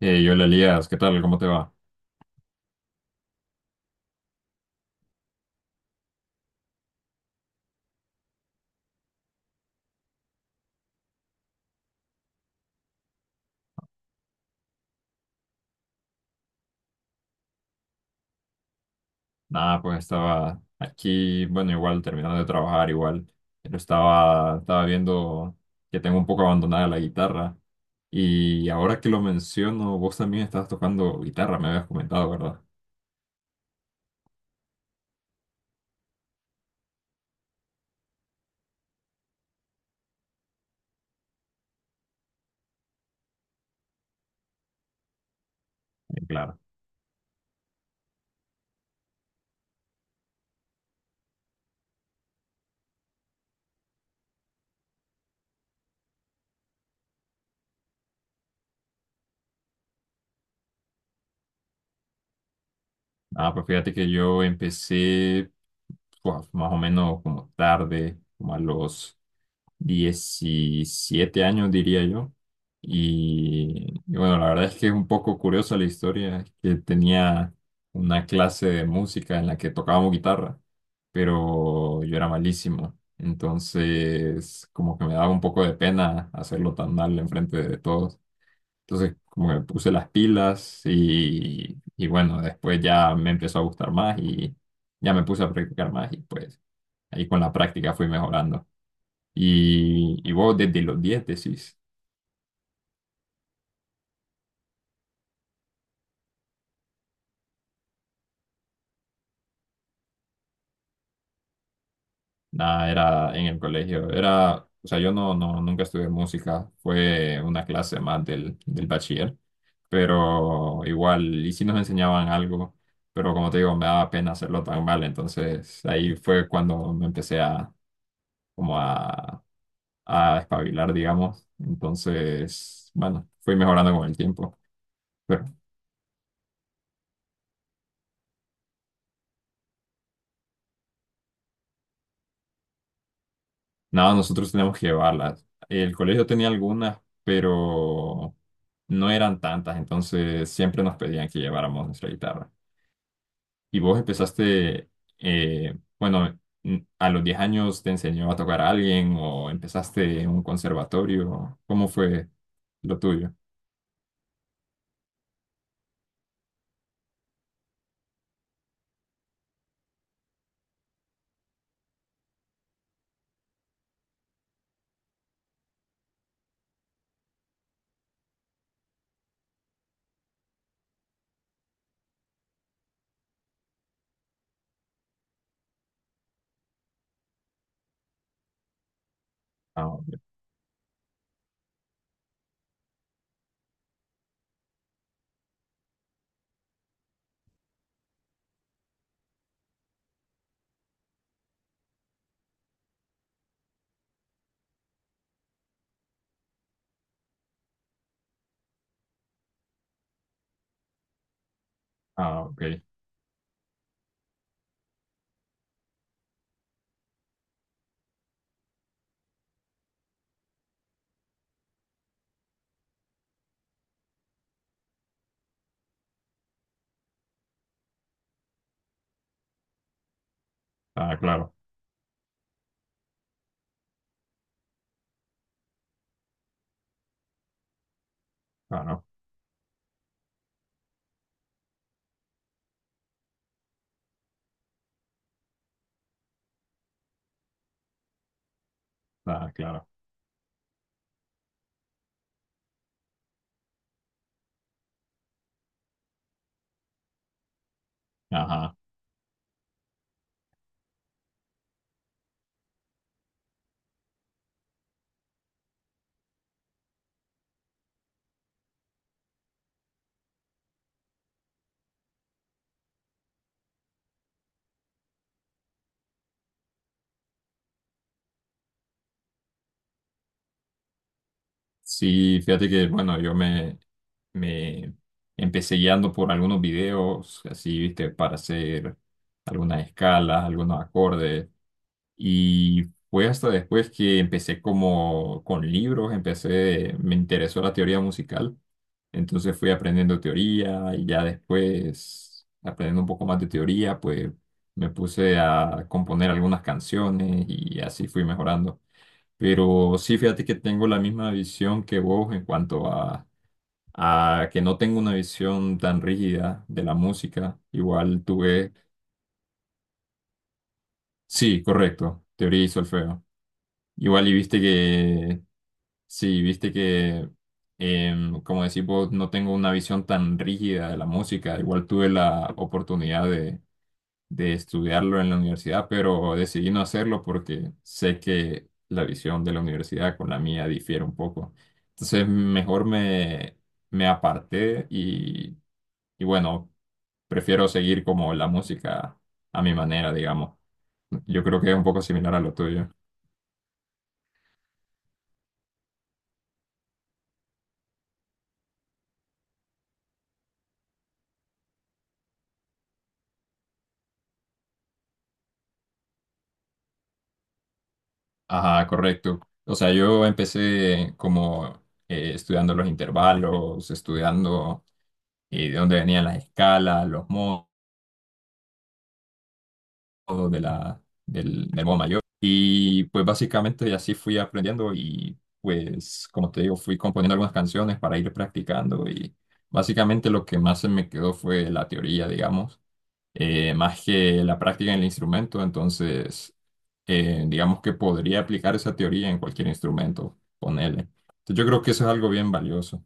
Hola Elías, ¿qué tal? ¿Cómo te va? Nada, pues estaba aquí, bueno, igual terminando de trabajar, igual, pero estaba viendo que tengo un poco abandonada la guitarra y ahora que lo menciono, vos también estabas tocando guitarra, me habías comentado, ¿verdad? Claro. Ah, pues fíjate que yo empecé pues, más o menos como tarde, como a los 17 años, diría yo. Y bueno, la verdad es que es un poco curiosa la historia, es que tenía una clase de música en la que tocábamos guitarra, pero yo era malísimo. Entonces, como que me daba un poco de pena hacerlo tan mal enfrente de todos. Entonces, como que me puse las pilas y bueno, después ya me empezó a gustar más y ya me puse a practicar más y pues ahí con la práctica fui mejorando. Y vos desde los 10 decís, nada, era en el colegio, era, o sea, yo no, nunca estudié música, fue una clase más del bachiller, pero igual, y sí nos enseñaban algo, pero como te digo, me daba pena hacerlo tan mal, entonces ahí fue cuando me empecé a, como a espabilar, digamos. Entonces, bueno, fui mejorando con el tiempo. Pero nada, nosotros teníamos que llevarlas. El colegio tenía algunas, pero no eran tantas, entonces siempre nos pedían que lleváramos nuestra guitarra. Y vos empezaste, bueno, a los 10 años te enseñó a tocar a alguien o empezaste en un conservatorio. ¿Cómo fue lo tuyo? Ah, ok. Ah, ok. Ah, claro, claro, ah, claro. Ajá. Sí, fíjate que, bueno, yo me empecé guiando por algunos videos, así, viste, para hacer algunas escalas, algunos acordes. Y fue hasta después que empecé como con libros, empecé, me interesó la teoría musical. Entonces fui aprendiendo teoría y ya después, aprendiendo un poco más de teoría, pues me puse a componer algunas canciones y así fui mejorando. Pero sí, fíjate que tengo la misma visión que vos en cuanto a, que no tengo una visión tan rígida de la música. Igual tuve, sí, correcto, teoría y solfeo. Igual y viste que, sí, viste que, como decís vos, no tengo una visión tan rígida de la música. Igual tuve la oportunidad de estudiarlo en la universidad, pero decidí no hacerlo porque sé que la visión de la universidad con la mía difiere un poco. Entonces, mejor me aparté y bueno, prefiero seguir como la música a mi manera, digamos. Yo creo que es un poco similar a lo tuyo. Ajá, correcto. O sea, yo empecé como estudiando los intervalos, estudiando de dónde venían las escalas, los modos de la, del modo mayor. Y pues básicamente así fui aprendiendo y pues como te digo, fui componiendo algunas canciones para ir practicando y básicamente lo que más se me quedó fue la teoría, digamos, más que la práctica en el instrumento. Entonces, digamos que podría aplicar esa teoría en cualquier instrumento, ponele. Entonces, yo creo que eso es algo bien valioso.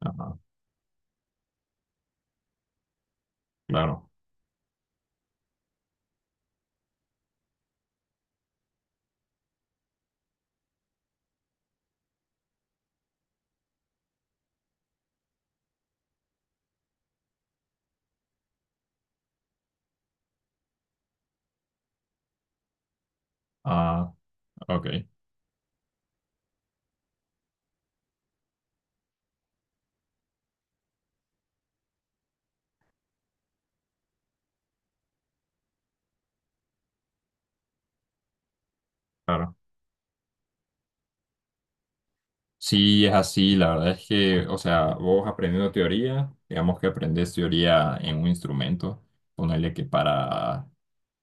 Ajá, claro. Ah, ok, claro. Sí, es así, la verdad es que, o sea, vos aprendiendo teoría, digamos que aprendes teoría en un instrumento, ponerle que para,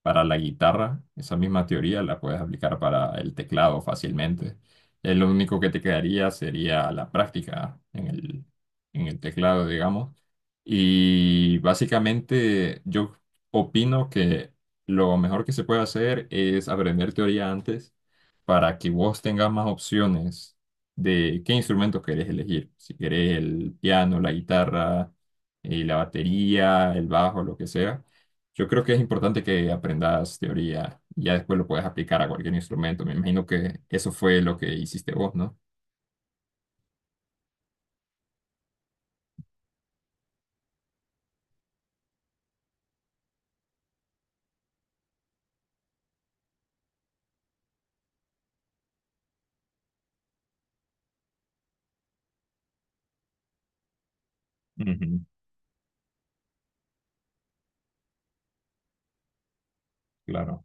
para la guitarra, esa misma teoría la puedes aplicar para el teclado fácilmente. Lo único que te quedaría sería la práctica en el teclado, digamos. Y básicamente yo opino que lo mejor que se puede hacer es aprender teoría antes para que vos tengas más opciones de qué instrumentos querés elegir. Si querés el piano, la guitarra, la batería, el bajo, lo que sea. Yo creo que es importante que aprendas teoría y ya después lo puedes aplicar a cualquier instrumento. Me imagino que eso fue lo que hiciste vos, ¿no? Ujú, claro.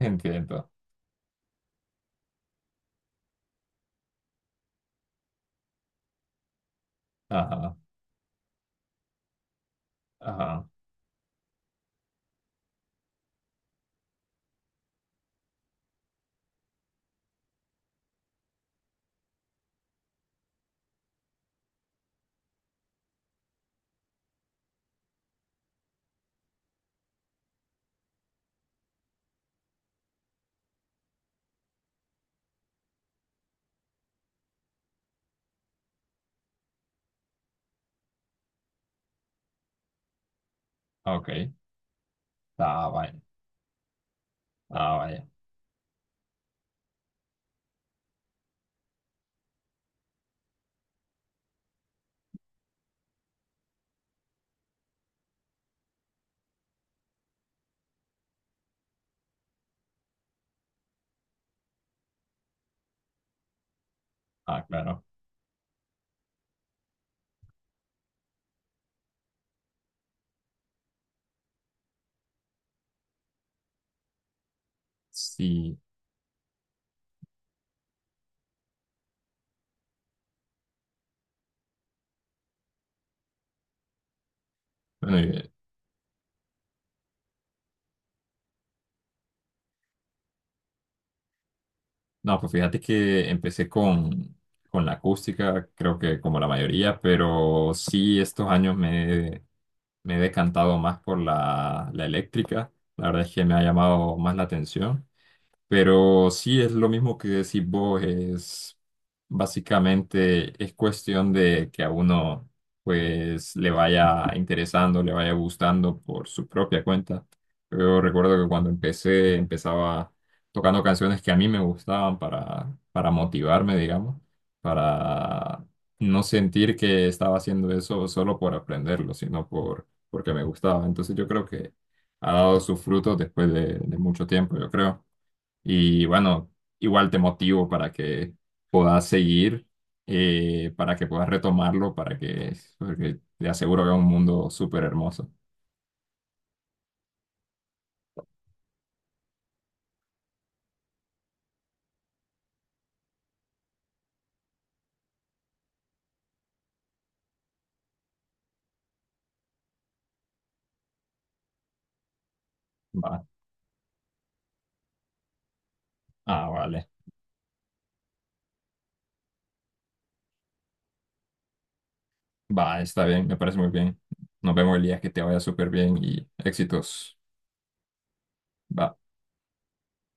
Entiendo. Ajá, ajá. Ok. Ah, vaya. Ah, vaya. Ah, claro. Sí. Bueno, no, pues fíjate que empecé con, la acústica, creo que como la mayoría, pero sí estos años me he decantado más por la eléctrica. La verdad es que me ha llamado más la atención. Pero sí es lo mismo que decís vos, es básicamente es cuestión de que a uno pues le vaya interesando, le vaya gustando por su propia cuenta. Yo recuerdo que cuando empecé, empezaba tocando canciones que a mí me gustaban para motivarme, digamos, para no sentir que estaba haciendo eso solo por aprenderlo, sino porque me gustaba. Entonces yo creo que ha dado sus frutos después de mucho tiempo, yo creo. Y bueno, igual te motivo para que puedas seguir, para que puedas retomarlo, para que, porque te aseguro que es un mundo súper hermoso. Va. Ah, vale. Va, está bien, me parece muy bien. Nos vemos el día que te vaya súper bien y éxitos. Va.